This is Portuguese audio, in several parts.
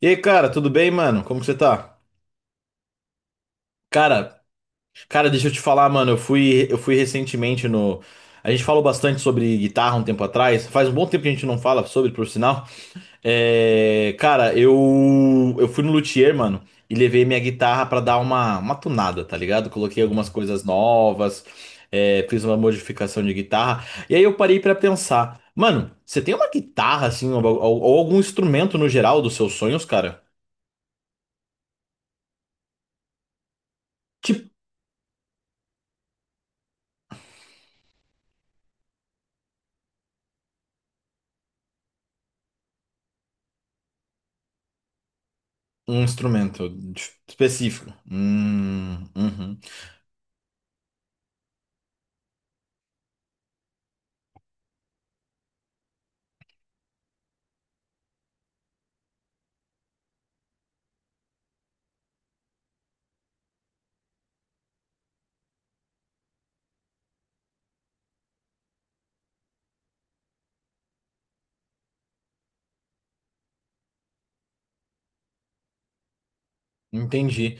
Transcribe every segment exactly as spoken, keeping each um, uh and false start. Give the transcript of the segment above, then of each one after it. E aí, cara, tudo bem, mano? Como que você tá? Cara, cara, deixa eu te falar, mano, eu fui eu fui recentemente no. A gente falou bastante sobre guitarra um tempo atrás. Faz um bom tempo que a gente não fala sobre, por sinal. É, cara, eu eu fui no luthier, mano, e levei minha guitarra pra dar uma uma tunada, tá ligado? Coloquei algumas coisas novas, é, fiz uma modificação de guitarra. E aí eu parei pra pensar, mano, você tem uma guitarra assim ou, ou ou algum instrumento no geral dos seus sonhos, cara? Tipo, um instrumento específico. Hum, uhum. Entendi.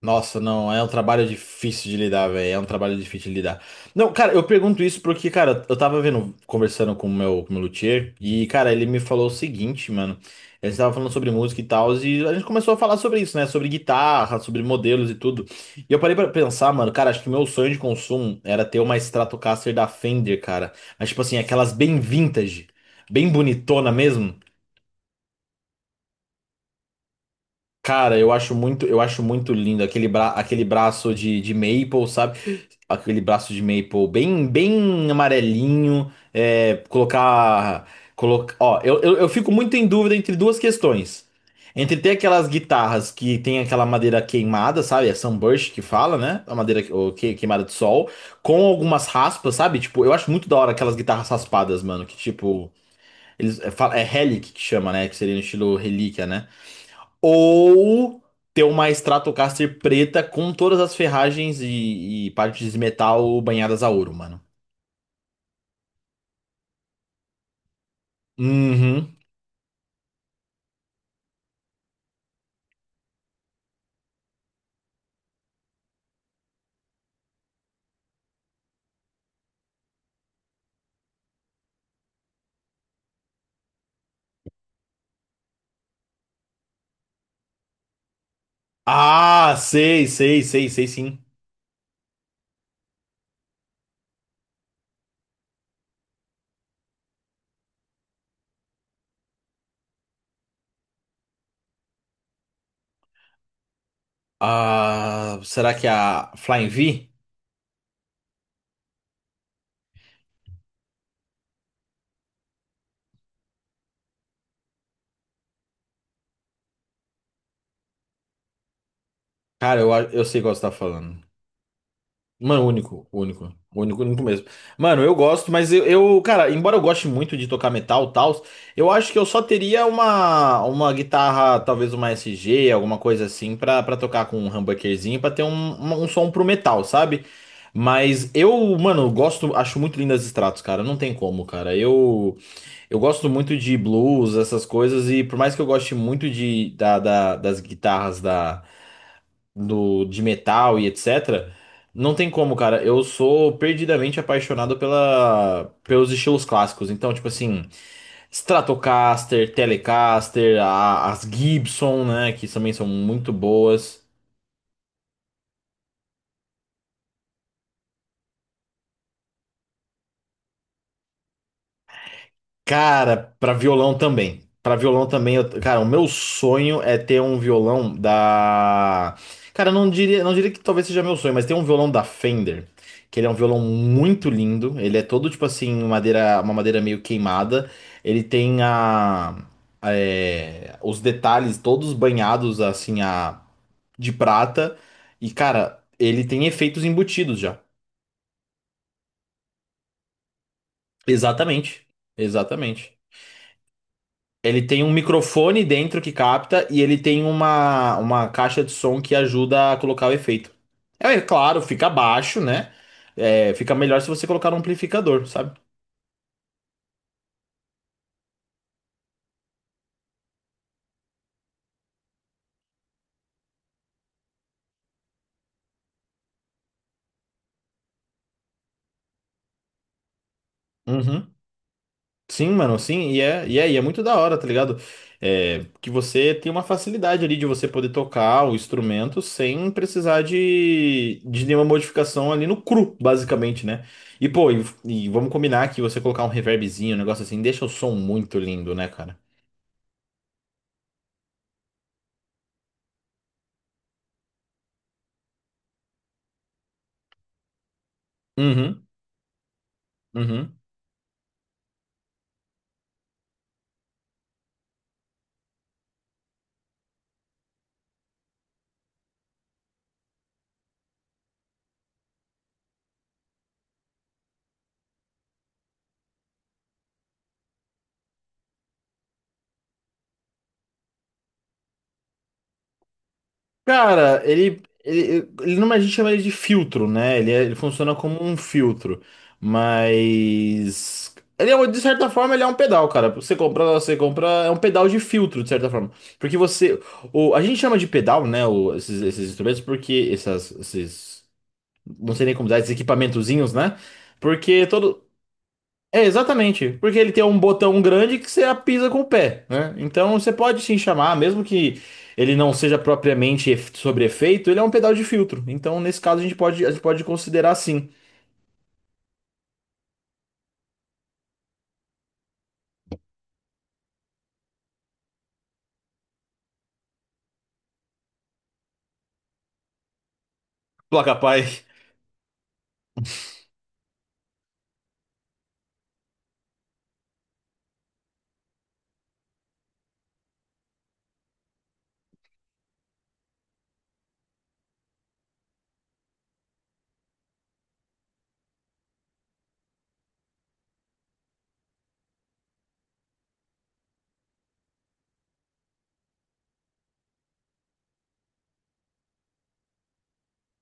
Nossa, não, é um trabalho difícil de lidar, velho. É um trabalho difícil de lidar. Não, cara, eu pergunto isso porque, cara, eu tava vendo, conversando com o meu, com o meu luthier, e, cara, ele me falou o seguinte, mano. Ele tava falando sobre música e tal, e a gente começou a falar sobre isso, né? Sobre guitarra, sobre modelos e tudo. E eu parei pra pensar, mano, cara, acho que o meu sonho de consumo era ter uma Stratocaster da Fender, cara. Mas, tipo assim, aquelas bem vintage, bem bonitona mesmo. Cara, eu acho muito, eu acho muito lindo aquele, bra aquele braço de, de maple, sabe? Aquele braço de maple bem, bem amarelinho. É, colocar, colocar, ó, eu, eu, eu fico muito em dúvida entre duas questões. Entre ter aquelas guitarras que tem aquela madeira queimada, sabe? É sunburst que fala, né? A madeira que- ou que- queimada de sol, com algumas raspas, sabe? Tipo, eu acho muito da hora aquelas guitarras raspadas, mano. Que tipo, eles é, fa- é relic que chama, né? Que seria no estilo relíquia, né? Ou ter uma Stratocaster preta com todas as ferragens e, e partes de metal banhadas a ouro, mano. Uhum. Ah, sei, sei, sei, sei sim. Ah, será que é a Flying V? Cara, eu, a- eu sei qual você tá falando. Mano, único, único, único, único mesmo. Mano, eu gosto, mas eu, eu, cara, embora eu goste muito de tocar metal e tal, eu acho que eu só teria uma, uma guitarra, talvez uma S G, alguma coisa assim, pra, pra tocar com um humbuckerzinho, pra ter um, um, um som pro metal, sabe? Mas eu, mano, gosto, acho muito lindas as Stratos, cara, não tem como, cara. Eu, eu gosto muito de blues, essas coisas, e por mais que eu goste muito de, da, da- das guitarras da do, de metal e etcétera. Não tem como, cara. Eu sou perdidamente apaixonado pela, pelos estilos clássicos. Então, tipo assim, Stratocaster, Telecaster, a- as Gibson, né? Que também são muito boas. Cara, pra violão também. Pra violão também, eu- cara, o meu sonho é ter um violão da. Cara, eu não diria, não diria que talvez seja meu sonho, mas tem um violão da Fender, que ele é um violão muito lindo. Ele é todo tipo assim, madeira, uma madeira meio queimada. Ele tem a, é, os detalhes todos banhados assim a de prata. E cara, ele tem efeitos embutidos já. Exatamente. Exatamente. Ele tem um microfone dentro que capta e ele tem uma, uma caixa de som que ajuda a colocar o efeito. É é claro, fica baixo, né? É, fica melhor se você colocar um amplificador, sabe? Uhum. Sim, mano, sim, e é, e é, e é muito da hora, tá ligado? É, que você tem uma facilidade ali de você poder tocar o instrumento sem precisar de, de nenhuma modificação ali no cru, basicamente, né? E pô, e, e vamos combinar que você colocar um reverbzinho, um negócio assim, deixa o som muito lindo, né, cara? Uhum. Uhum. Cara, ele, ele, ele não, a gente chama ele de filtro, né? Ele, é- ele funciona como um filtro, mas ele é, um- de certa forma ele é um pedal, cara. Você compra, você compra é um pedal de filtro, de certa forma, porque você, o, a gente chama de pedal, né? O- esses, esses instrumentos, porque essas, esses, não sei nem como dizer, esses equipamentozinhos, né? Porque todo, é, exatamente, porque ele tem um botão grande que você apisa com o pé, né? Então você pode sim chamar, mesmo que ele não seja propriamente ef- sobre efeito, ele é um pedal de filtro. Então, nesse caso, a gente pode, a gente pode considerar sim. Placa pai.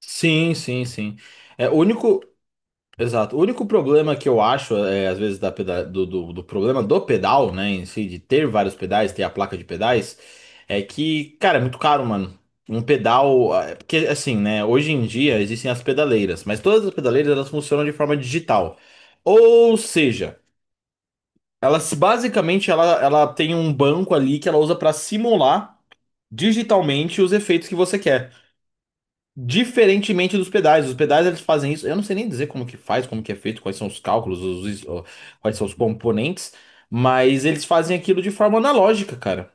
Sim, sim, sim. É, o único, exato. O único problema que eu acho, é, às vezes, da peda- do, do, do problema do pedal, né, em si, de ter vários pedais, ter a placa de pedais, é que, cara, é muito caro, mano. Um pedal. Ah, é porque, assim, né, hoje em dia existem as pedaleiras, mas todas as pedaleiras elas funcionam de forma digital. Ou seja, ela se- basicamente ela, ela tem um banco ali que ela usa para simular digitalmente os efeitos que você quer. Diferentemente dos pedais, os pedais eles fazem isso. Eu não sei nem dizer como que faz, como que é feito, quais são os cálculos, os, is- ó, quais são os componentes, mas eles fazem aquilo de forma analógica, cara.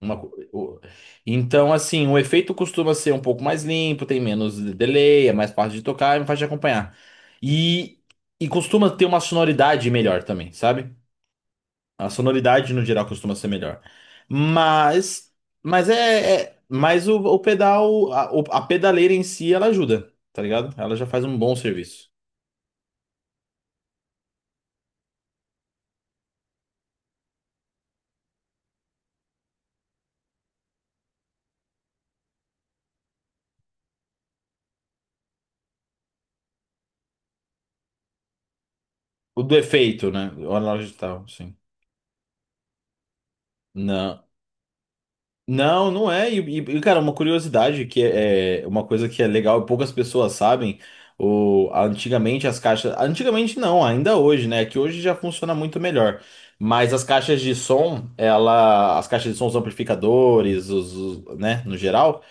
Uma co- o- então, assim, o efeito costuma ser um pouco mais limpo, tem menos delay, é mais fácil de tocar, é mais fácil de acompanhar. E, e costuma ter uma sonoridade melhor também, sabe? A sonoridade no geral costuma ser melhor. Mas, mas é, é- mas o, o pedal, a, o- a pedaleira em si, ela ajuda, tá ligado? Ela já faz um bom serviço. O do efeito, né? O analógico e tal, sim. Não, não, não é. E, e- e, cara, uma curiosidade que é, é uma coisa que é legal e poucas pessoas sabem. O, antigamente as caixas. Antigamente não, ainda hoje, né? Que hoje já funciona muito melhor. Mas as caixas de som, ela, as caixas de som, os amplificadores, os, os- né, no geral,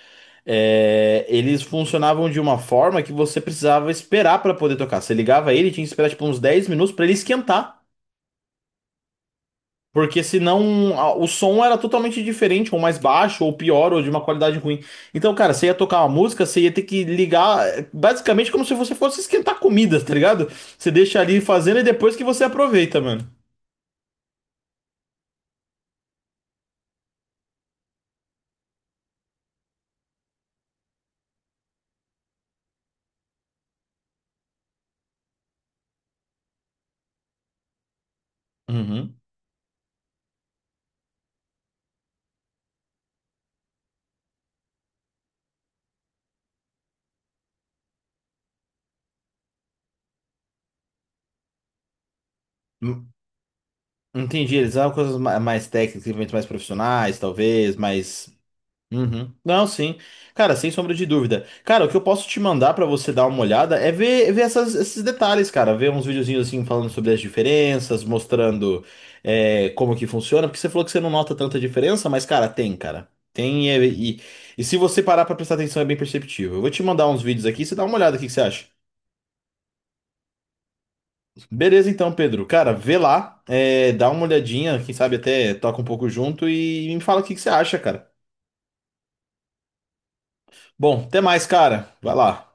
é, eles funcionavam de uma forma que você precisava esperar para poder tocar. Você ligava ele, tinha que esperar tipo uns dez minutos para ele esquentar. Porque senão a- o som era totalmente diferente, ou mais baixo, ou pior, ou de uma qualidade ruim. Então, cara, você ia tocar uma música, você ia ter que ligar, é, basicamente como se você fosse esquentar comida, tá ligado? Você deixa ali fazendo e depois que você aproveita, mano. Uhum. Hum, entendi, eles eram coisas ma- mais técnicas, eventos mais profissionais, talvez, mais, uhum. Não, sim. Cara, sem sombra de dúvida. Cara, o que eu posso te mandar pra você dar uma olhada é ver, ver essas- esses detalhes, cara. Ver uns videozinhos assim falando sobre as diferenças, mostrando é, como que funciona. Porque você falou que você não nota tanta diferença, mas, cara, tem, cara. Tem e, é, e, e se você parar pra prestar atenção é bem perceptível. Eu vou te mandar uns vídeos aqui, você dá uma olhada, o que que você acha? Beleza, então, Pedro. Cara, vê lá, é, dá uma olhadinha, quem sabe até toca um pouco junto e me fala o que que você acha, cara. Bom, até mais, cara. Vai lá.